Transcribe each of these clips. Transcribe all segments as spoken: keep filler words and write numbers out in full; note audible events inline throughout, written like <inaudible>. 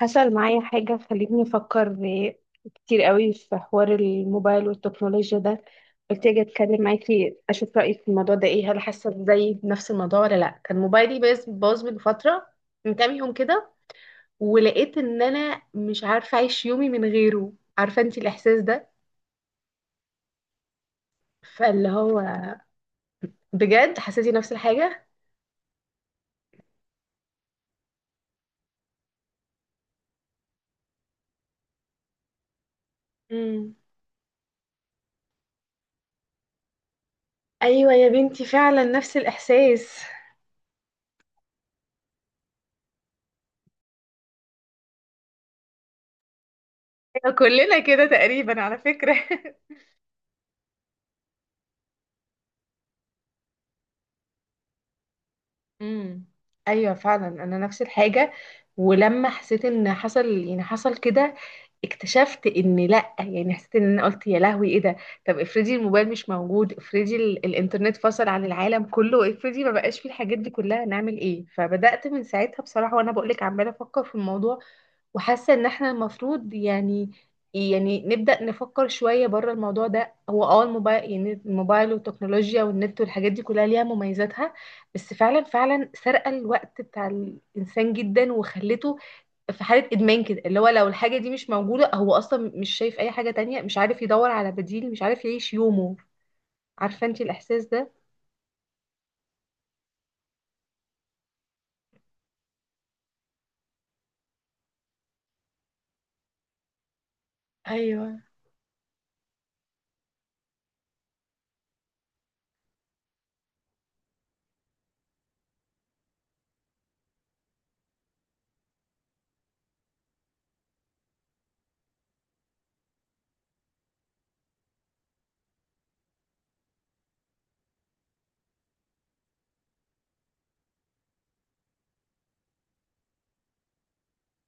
حصل معايا حاجة خلتني أفكر كتير قوي في حوار الموبايل والتكنولوجيا ده. قلت أجي أتكلم معاكي أشوف رأيك في الموضوع ده إيه، هل حاسة زي بنفس الموضوع ولا لأ. كان موبايلي باظ باظ من فترة، من كام يوم كده، ولقيت إن أنا مش عارفة أعيش يومي من غيره. عارفة أنتي الإحساس ده؟ فاللي هو بجد حسيتي نفس الحاجة؟ مم. أيوة يا بنتي، فعلا نفس الإحساس. <laughs> كلنا كده تقريبا على فكرة. <laughs> امم، ايوه فعلا انا نفس الحاجه. ولما حسيت ان حصل، يعني حصل كده، اكتشفت ان لا، يعني حسيت ان انا قلت يا لهوي ايه ده. طب افرضي الموبايل مش موجود، افرضي ال- الانترنت فصل عن العالم كله، افرضي ما بقاش فيه الحاجات دي كلها، نعمل ايه؟ فبدات من ساعتها بصراحه، وانا بقول لك عماله افكر في الموضوع وحاسه ان احنا المفروض يعني، يعني نبدا نفكر شويه بره الموضوع ده. هو اه الموبايل، يعني الموبايل والتكنولوجيا والنت والحاجات دي كلها، ليها مميزاتها، بس فعلا فعلا سرقه الوقت بتاع الانسان جدا، وخلته في حاله ادمان كده، اللي هو لو الحاجه دي مش موجوده، هو اصلا مش شايف اي حاجه تانية، مش عارف يدور على بديل، مش عارف يعيش يومه. عارفه انت الاحساس ده؟ ايوه،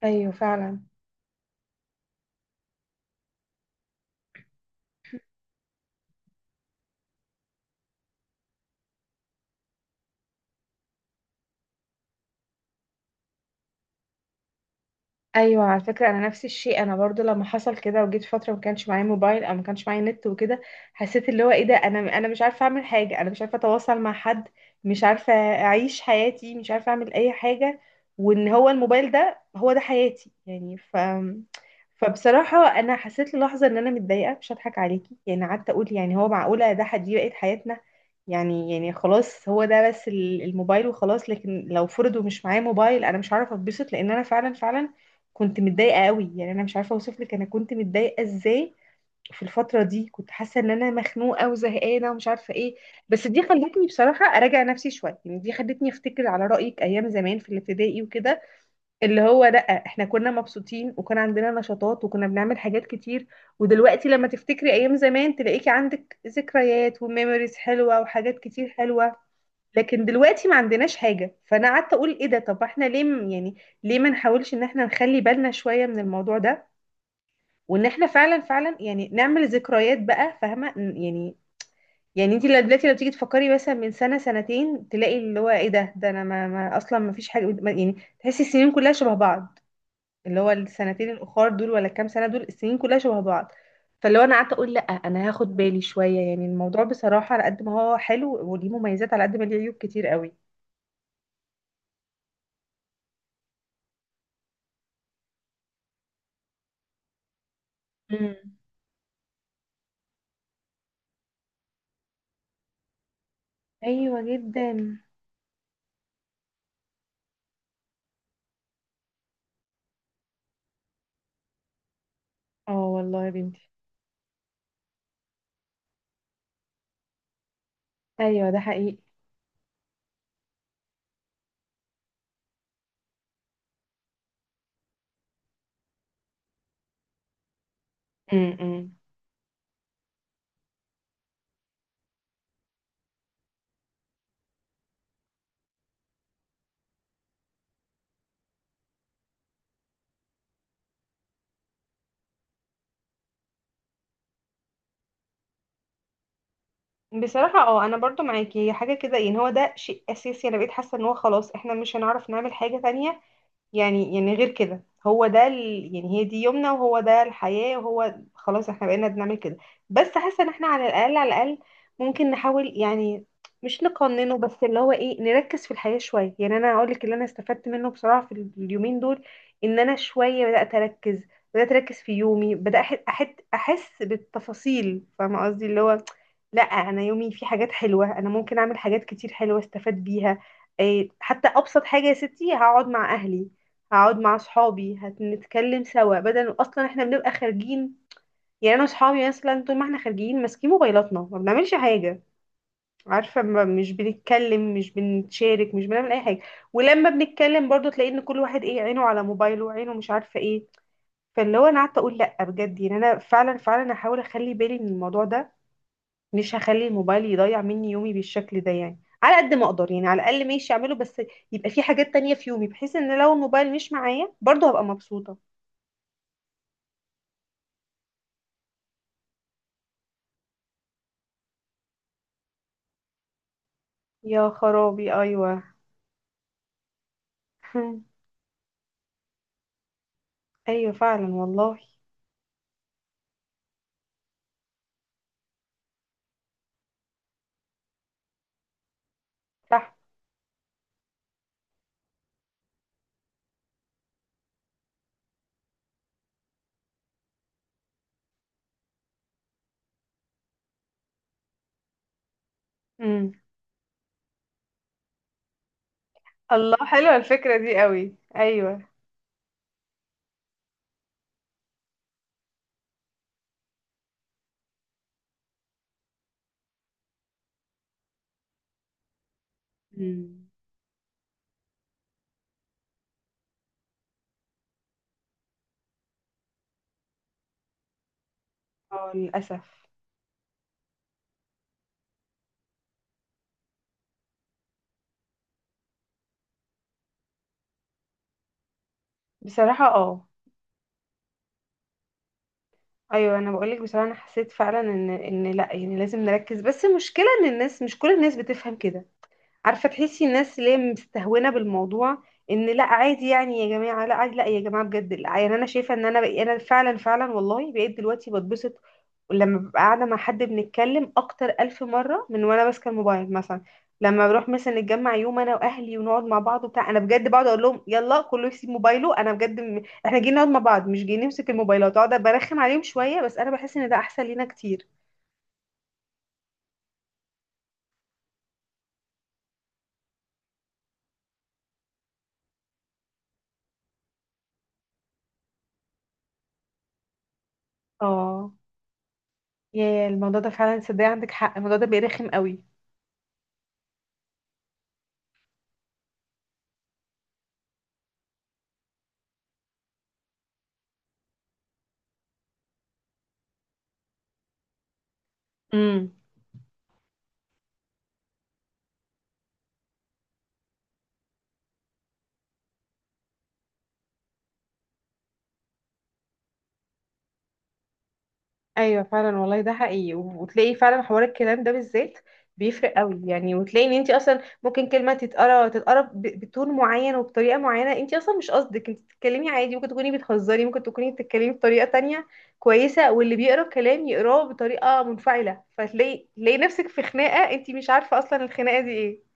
ايوه فعلا. ايوه، على فكره انا نفس الشيء، انا برضو لما حصل كده وجيت فتره ما كانش معايا موبايل او ما كانش معايا نت وكده، حسيت اللي هو ايه ده، انا انا مش عارفه اعمل حاجه، انا مش عارفه اتواصل مع حد، مش عارفه اعيش حياتي، مش عارفه اعمل اي حاجه. وان هو الموبايل ده، هو ده حياتي يعني. ف فبصراحه انا حسيت للحظه ان انا متضايقه، مش هضحك عليكي، يعني قعدت اقول يعني هو معقوله ده حد دي بقت حياتنا؟ يعني، يعني خلاص هو ده بس، ال- الموبايل وخلاص؟ لكن لو فرض ومش معايا موبايل انا مش هعرف اتبسط، لان انا فعلا فعلا كنت متضايقة قوي، يعني انا مش عارفة اوصف لك انا كنت متضايقة ازاي. في الفترة دي كنت حاسة ان انا مخنوقة وزهقانة ومش عارفة ايه. بس دي خلتني بصراحة اراجع نفسي شوية، يعني دي خلتني افتكر على رأيك ايام زمان في الابتدائي وكده، اللي هو لا، احنا كنا مبسوطين، وكان عندنا نشاطات، وكنا بنعمل حاجات كتير. ودلوقتي لما تفتكري ايام زمان تلاقيكي عندك ذكريات وميموريز حلوة وحاجات كتير حلوة. لكن دلوقتي ما عندناش حاجة. فانا قعدت اقول ايه ده، طب احنا ليه م- يعني، ليه ما نحاولش ان احنا نخلي بالنا شوية من الموضوع ده، وان احنا فعلا فعلا يعني نعمل ذكريات بقى، فاهمة ن- يعني؟ يعني انت دلوقتي لو تيجي تفكري مثلا من سنة سنتين، تلاقي اللي هو ايه ده، ده انا ما, ما اصلا ما فيش حاجة ما- يعني تحسي السنين كلها شبه بعض، اللي هو السنتين الاخر دول ولا الكام سنة دول، السنين كلها شبه بعض. فاللي هو انا قعدت اقول لا، انا هاخد بالي شوية، يعني الموضوع بصراحة على قد ما هو حلو وليه مميزات، على قد ما ليه عيوب كتير قوي. مم. ايوه جدا. اه والله يا بنتي. ايوه ده حقيقي. امم. بصراحة اه، انا برضو معاكي، هي حاجة كده يعني، هو ده شيء اساسي، انا بقيت حاسة ان هو خلاص، احنا مش هنعرف نعمل حاجة تانية، يعني، يعني غير كده هو ده ال... يعني هي دي يومنا، وهو ده الحياة، وهو خلاص احنا بقينا بنعمل كده. بس حاسة ان احنا على الأقل على الأقل ممكن نحاول يعني، مش نقننه، بس اللي هو ايه، نركز في الحياة شوية. يعني انا اقول لك اللي انا استفدت منه بصراحة في اليومين دول، ان انا شوية بدأت اركز، بدأت اركز في يومي، بدأت أح- أحد احس بالتفاصيل، فاهمة قصدي؟ اللي هو لا، انا يومي فيه حاجات حلوة، انا ممكن اعمل حاجات كتير حلوة استفاد بيها. إيه، حتى ابسط حاجه يا ستي، هقعد مع اهلي، هقعد مع صحابي، هنتكلم سوا بدل اصلا احنا بنبقى خارجين. يعني انا وصحابي مثلا طول ما احنا خارجين ماسكين موبايلاتنا، ما بنعملش حاجه. عارفه، ما مش بنتكلم، مش بنتشارك، مش بنعمل اي حاجه. ولما بنتكلم برضو تلاقي ان كل واحد ايه عينه على موبايله، عينه مش عارفه ايه. فاللي هو انا قعدت اقول لا بجد، يعني انا فعلا فعلا هحاول اخلي بالي من الموضوع ده، مش هخلي الموبايل يضيع مني يومي بالشكل ده، يعني على قد ما اقدر، يعني على الاقل ماشي اعمله، بس يبقى في حاجات تانية في يومي، بحيث ان لو الموبايل مش معايا برضو هبقى مبسوطه. يا خرابي ايوه. <laughs> ايوه فعلا والله. صح. امم. الله، حلوه الفكره دي قوي، ايوه. امم. اه للاسف. بصراحه اه. ايوه انا بقولك بصراحه، انا حسيت فعلا ان ان لا، يعني لازم نركز، بس المشكله ان الناس مش كل الناس بتفهم كده. عارفه، تحسي الناس اللي هي مستهونه بالموضوع، ان لا عادي، يعني يا جماعه لا عادي، لا يا جماعه بجد لا، يعني انا شايفه ان انا بقى، انا فعلا فعلا والله بقيت دلوقتي بتبسط لما ببقى قاعده مع حد بنتكلم، اكتر الف مره من وانا ماسكه الموبايل مثلا. لما بروح مثلا نتجمع يوم انا واهلي ونقعد مع بعض وبتاع، انا بجد بقعد اقول لهم يلا كله يسيب موبايله، انا بجد م... احنا جايين نقعد مع بعض، مش جايين نمسك الموبايلات. اقعد برخم عليهم شويه، بس انا بحس ان ده احسن لينا كتير. اه. يا الموضوع ده فعلا صدق، عندك حق، الموضوع ده بيرخم قوي. امم. ايوه فعلا والله ده حقيقي. و- وتلاقي فعلا حوار الكلام ده بالذات بيفرق قوي يعني. وتلاقي ان انت اصلا ممكن كلمه تتقرا تتقرا ب- بتون معين وبطريقه معينه، انت اصلا مش قصدك، انت بتتكلمي عادي، ممكن تكوني بتهزري، ممكن تكوني بتتكلمي بطريقه تانية كويسه، واللي بيقرا الكلام يقراه بطريقه منفعله، فتلاقي، تلاقي نفسك في خناقه انت مش عارفه اصلا الخناقه دي ايه.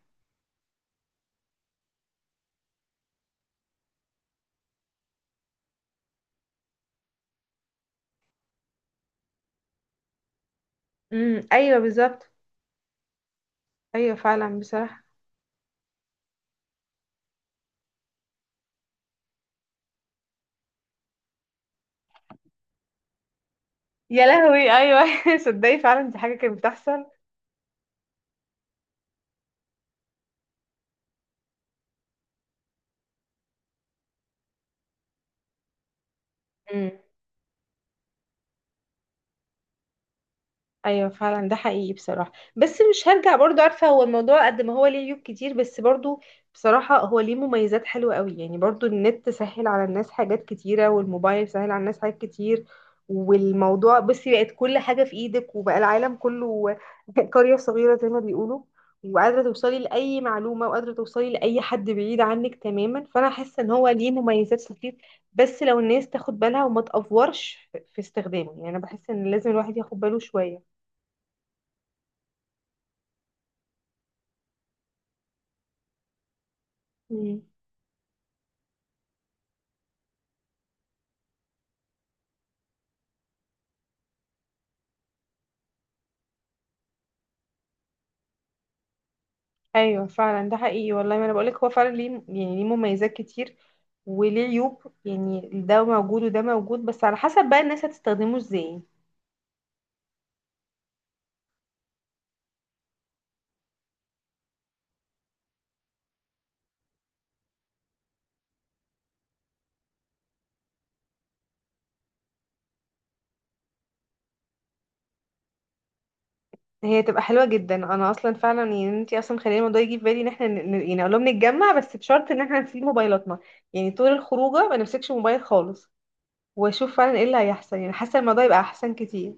امم ايوه بالظبط. ايوه فعلا بصراحه. يا لهوي ايوه. <laughs> صدقي فعلا دي حاجه كانت بتحصل. ايوه فعلا ده حقيقي بصراحه. بس مش هرجع برضو، عارفه، هو الموضوع قد ما هو ليه عيوب كتير، بس برضو بصراحه هو ليه مميزات حلوه قوي يعني. برضو النت سهل على الناس حاجات كتيره، والموبايل سهل على الناس حاجات كتير. والموضوع بصي بقت كل حاجه في ايدك، وبقى العالم كله <laughs> قريه صغيره زي ما بيقولوا. وقادره توصلي لاي معلومه، وقادره توصلي لاي حد بعيد عنك تماما. فانا حاسه ان هو ليه مميزات كتير، بس لو الناس تاخد بالها وما تأفورش في في استخدامه، يعني انا بحس ان لازم الواحد ياخد باله شويه. مم. ايوه فعلا ده حقيقي والله. ما انا بقولك، هو فعلا ليه يعني، ليه مميزات كتير وليه عيوب، يعني ده موجود وده موجود، بس على حسب بقى الناس هتستخدمه ازاي. هي تبقى حلوه جدا، انا اصلا فعلا يعني، انتي اصلا خلينا الموضوع يجي في بالي، ان احنا ن- ن- يعني اقول لهم نتجمع، بس بشرط ان احنا نسيب موبايلاتنا، يعني طول الخروجه ما نمسكش موبايل خالص، واشوف فعلا ايه اللي هيحصل. يعني حاسه الموضوع يبقى احسن كتير.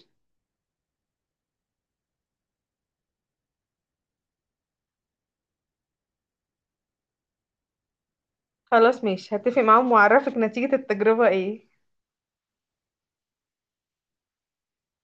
خلاص ماشي، هتفق معاهم واعرفك نتيجه التجربه ايه.